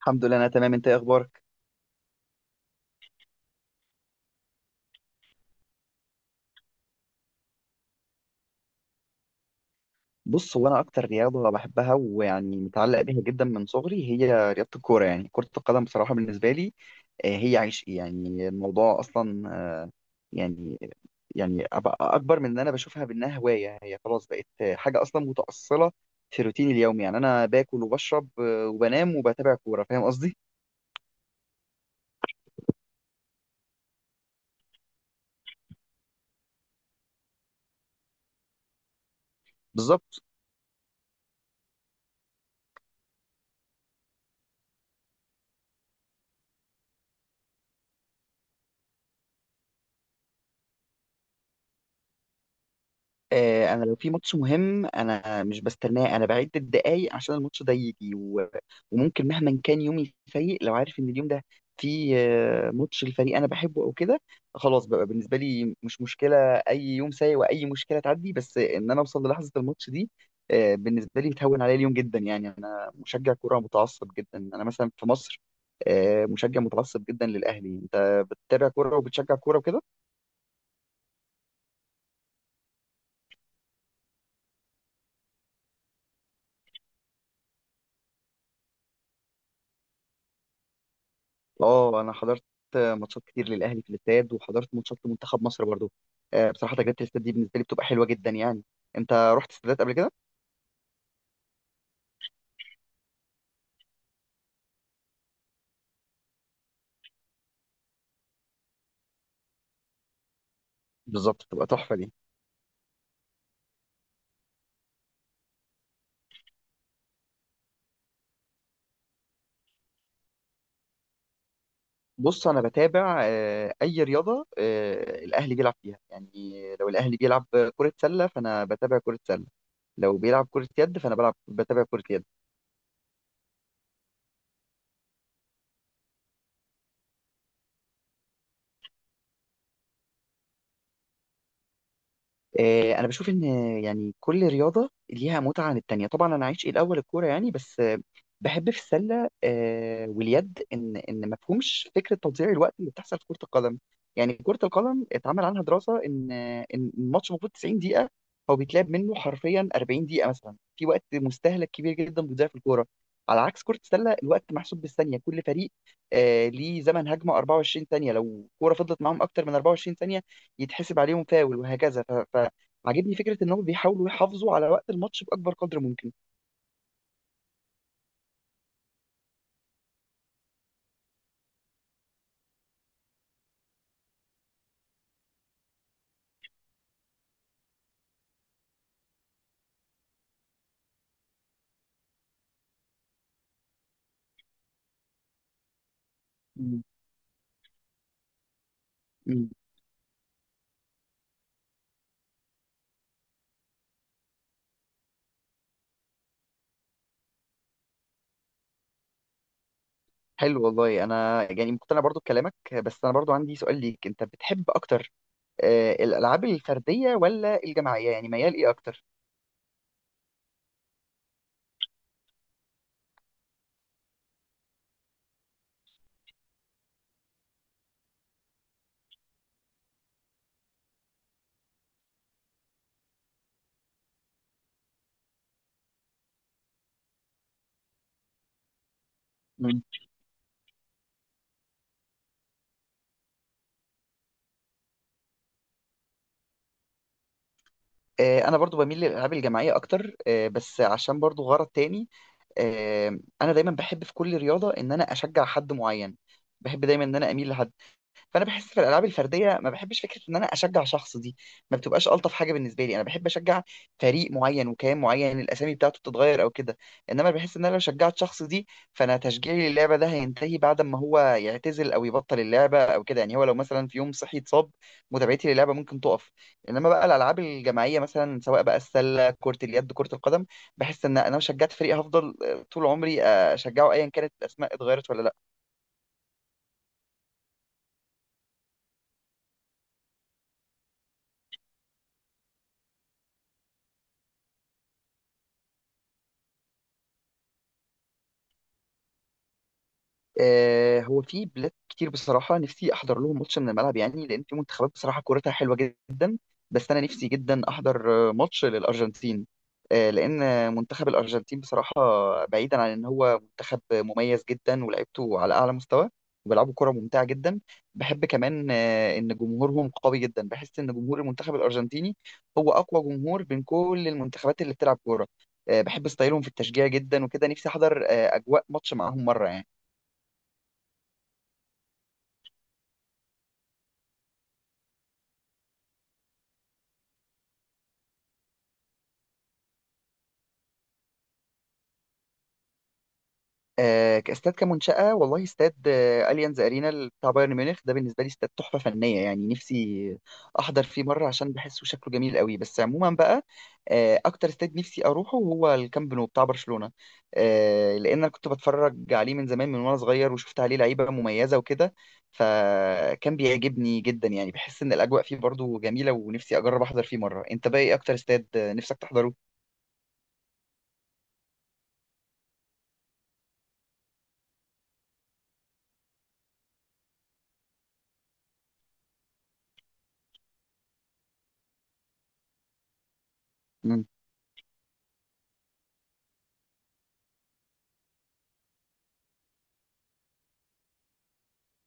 الحمد لله، انا تمام. انت ايه اخبارك؟ بص، هو انا اكتر رياضه بحبها ويعني متعلق بيها جدا من صغري هي رياضه الكوره، يعني كره القدم. بصراحه بالنسبه لي هي عيش، يعني الموضوع اصلا. يعني يعني أبقى اكبر من ان انا بشوفها بانها هوايه، هي خلاص بقت حاجه اصلا متاصله في روتيني اليومي. يعني انا باكل وبشرب وبنام وبتابع كوره، فاهم قصدي؟ بالظبط. انا لو في ماتش مهم انا مش بستناه، انا بعد الدقايق عشان الماتش ده يجي وممكن مهما كان يومي سيء، لو عارف ان اليوم ده في ماتش الفريق انا بحبه او كده، خلاص بقى بالنسبه لي مش مشكله. اي يوم سيء واي مشكله تعدي، بس ان انا اوصل للحظه الماتش دي. بالنسبه لي بتهون عليا اليوم جدا. يعني انا مشجع كوره متعصب جدا، انا مثلا في مصر مشجع متعصب جدا للاهلي. انت بتتابع كوره وبتشجع كوره وكده؟ اه، انا حضرت ماتشات كتير للاهلي في الاستاد، وحضرت ماتشات لمنتخب مصر برضو. بصراحه تجربه الاستاد دي بالنسبه لي بتبقى حلوه جدا يعني. انت رحت استادات قبل كده؟ بالظبط، بتبقى تحفه دي. بص، انا بتابع اي رياضه الاهلي بيلعب فيها يعني. لو الاهلي بيلعب كره سله فانا بتابع كره سله، لو بيلعب كره يد فانا بتابع كره يد. انا بشوف ان يعني كل رياضه ليها متعه عن التانية. طبعا انا عايش إيه الاول الكوره يعني، بس بحب في السله واليد ان ما فيهمش فكره تضييع الوقت اللي بتحصل في كره القدم. يعني كره القدم اتعمل عنها دراسه ان ان الماتش المفروض 90 دقيقه، هو بيتلعب منه حرفيا 40 دقيقه مثلا، في وقت مستهلك كبير جدا بيضيع في الكوره. على عكس كره السله الوقت محسوب بالثانيه، كل فريق ليه زمن هجمه 24 ثانيه، لو كوره فضلت معاهم اكتر من 24 ثانيه يتحسب عليهم فاول وهكذا. عاجبني فكره ان هم بيحاولوا يحافظوا على وقت الماتش باكبر قدر ممكن. مم. مم. حلو والله. انا يعني مقتنع برضو بكلامك، بس انا برضو عندي سؤال ليك. انت بتحب اكتر الالعاب الفرديه ولا الجماعيه؟ يعني ميال ايه اكتر؟ مم. انا برضو بميل للالعاب الجماعيه اكتر بس عشان برضو غرض تاني. انا دايما بحب في كل رياضه ان انا اشجع حد معين، بحب دايما ان انا اميل لحد. فانا بحس في الالعاب الفرديه ما بحبش فكره ان انا اشجع شخص دي، ما بتبقاش الطف حاجه بالنسبه لي. انا بحب اشجع فريق معين وكيان معين الاسامي بتاعته بتتغير او كده. انما بحس ان انا لو شجعت شخص دي، فانا تشجيعي للعبه ده هينتهي بعد ما هو يعتزل او يبطل اللعبه او كده. يعني هو لو مثلا في يوم صحي اتصاب، متابعتي للعبه ممكن تقف. انما بقى الالعاب الجماعيه، مثلا سواء بقى السله كره اليد كره القدم، بحس ان انا لو شجعت فريق هفضل طول عمري اشجعه ايا كانت الاسماء اتغيرت ولا لا. هو في بلاد كتير بصراحة نفسي أحضر لهم ماتش من الملعب، يعني لأن في منتخبات بصراحة كورتها حلوة جدا. بس أنا نفسي جدا أحضر ماتش للأرجنتين. لأن منتخب الأرجنتين بصراحة، بعيدا عن إن هو منتخب مميز جدا ولعبته على أعلى مستوى وبيلعبوا كرة ممتعة جدا، بحب كمان إن جمهورهم قوي جدا. بحس إن جمهور المنتخب الأرجنتيني هو أقوى جمهور بين كل المنتخبات اللي بتلعب كورة. بحب ستايلهم في التشجيع جدا وكده، نفسي أحضر أجواء ماتش معاهم مرة يعني. كاستاد كمنشأة، والله استاد اليانز ارينا بتاع بايرن ميونخ ده بالنسبة لي استاد تحفة فنية، يعني نفسي احضر فيه مرة عشان بحسه شكله جميل قوي. بس عموما بقى اكتر استاد نفسي اروحه هو الكامب نو بتاع برشلونة، لان انا كنت بتفرج عليه من زمان، من وانا صغير، وشفت عليه لعيبة مميزة وكده، فكان بيعجبني جدا. يعني بحس ان الاجواء فيه برضو جميلة ونفسي اجرب احضر فيه مرة. انت بقى ايه اكتر استاد نفسك تحضره؟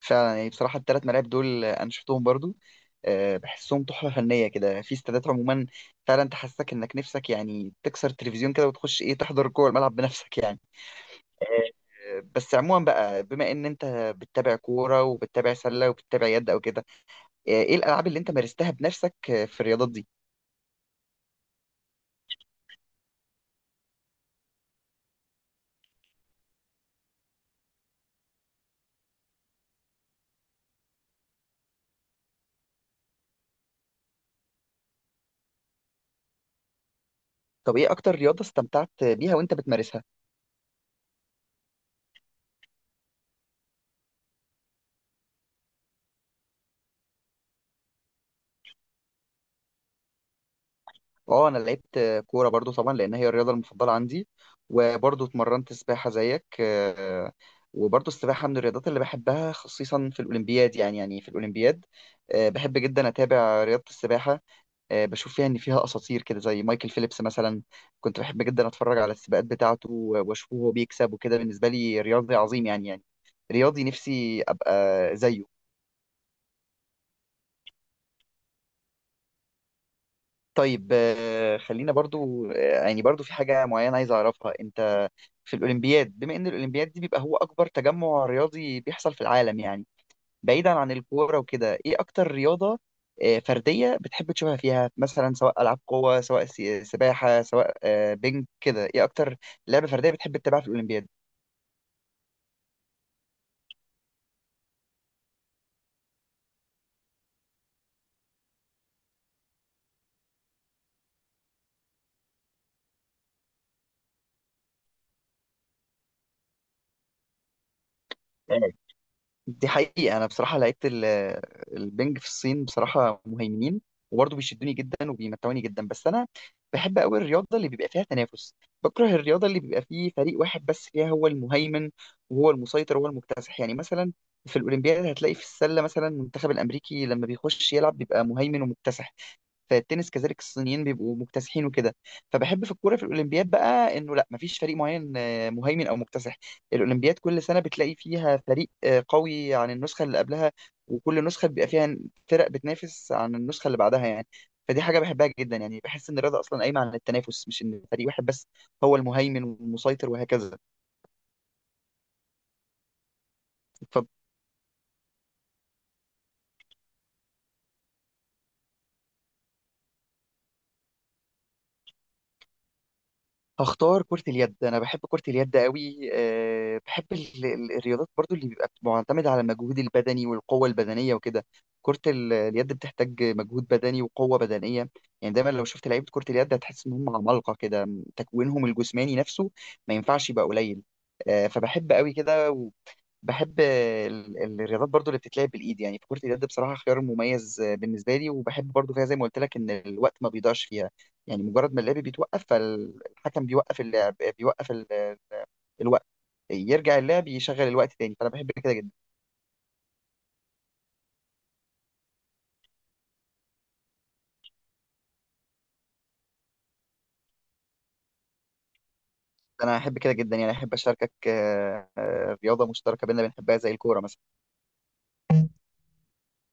فعلا، يعني بصراحة التلات ملاعب دول أنا شفتهم برضو بحسهم تحفة فنية كده في استادات عموما. فعلا تحسسك إنك نفسك يعني تكسر التلفزيون كده وتخش إيه تحضر جوه الملعب بنفسك يعني. بس عموما بقى بما إن أنت بتتابع كورة وبتتابع سلة وبتتابع يد أو كده، إيه الألعاب اللي أنت مارستها بنفسك في الرياضات دي؟ طب إيه أكتر رياضة استمتعت بيها وأنت بتمارسها؟ اه، انا لعبت كوره برضو طبعا، لان هي الرياضه المفضله عندي. وبرضو اتمرنت سباحه زيك وبرضو السباحه من الرياضات اللي بحبها، خصيصا في الاولمبياد. يعني في الاولمبياد بحب جدا اتابع رياضه السباحه. بشوف فيها ان فيها اساطير كده زي مايكل فيليبس مثلا. كنت بحب جدا اتفرج على السباقات بتاعته، واشوفه وهو بيكسب وكده. بالنسبه لي رياضي عظيم، يعني رياضي نفسي ابقى زيه. طيب، خلينا برضو يعني برضو في حاجة معينة عايز أعرفها أنت. في الأولمبياد، بما إن الأولمبياد دي بيبقى هو أكبر تجمع رياضي بيحصل في العالم يعني، بعيدا عن الكورة وكده، إيه أكتر رياضة فردية بتحب تشوفها فيها؟ مثلا سواء ألعاب قوة، سواء سباحة، سواء بينج كده، إيه أكتر لعبة فردية بتحب تتابعها في الأولمبياد؟ دي حقيقة أنا بصراحة لعيبة البنج في الصين بصراحة مهيمنين، وبرضه بيشدوني جدا وبيمتعوني جدا. بس أنا بحب أوي الرياضة اللي بيبقى فيها تنافس، بكره الرياضة اللي بيبقى فيه فريق واحد بس فيها هو المهيمن وهو المسيطر وهو المكتسح. يعني مثلا في الأولمبياد هتلاقي في السلة مثلا المنتخب الأمريكي لما بيخش يلعب بيبقى مهيمن ومكتسح، في التنس كذلك الصينيين بيبقوا مكتسحين وكده. فبحب في الكوره في الاولمبياد بقى انه لا، مفيش فريق معين مهيمن او مكتسح. الاولمبياد كل سنه بتلاقي فيها فريق قوي عن النسخه اللي قبلها، وكل نسخه بيبقى فيها فرق بتنافس عن النسخه اللي بعدها يعني. فدي حاجه بحبها جدا، يعني بحس ان الرياضه اصلا قايمه على التنافس، مش ان فريق واحد بس هو المهيمن والمسيطر وهكذا. ف هختار كرة اليد. أنا بحب كرة اليد قوي. أه بحب الرياضات برضو اللي بيبقى معتمدة على المجهود البدني والقوة البدنية وكده. كرة اليد بتحتاج مجهود بدني وقوة بدنية، يعني دايما لو شفت لعيبة كرة اليد هتحس إن هم عمالقة كده، تكوينهم الجسماني نفسه ما ينفعش يبقى قليل. أه فبحب قوي كده، بحب الرياضات برضو اللي بتتلعب بالايد، يعني فكرة اليد بصراحة خيار مميز بالنسبة لي. وبحب برضو فيها زي ما قلت لك، ان الوقت ما بيضيعش فيها. يعني مجرد ما اللعب بيتوقف فالحكم بيوقف اللعب، بيوقف الوقت، يرجع اللعب يشغل الوقت تاني، فانا بحب كده جدا. انا احب كده جدا، يعني احب اشاركك رياضة مشتركة بينا بنحبها زي الكورة مثلا.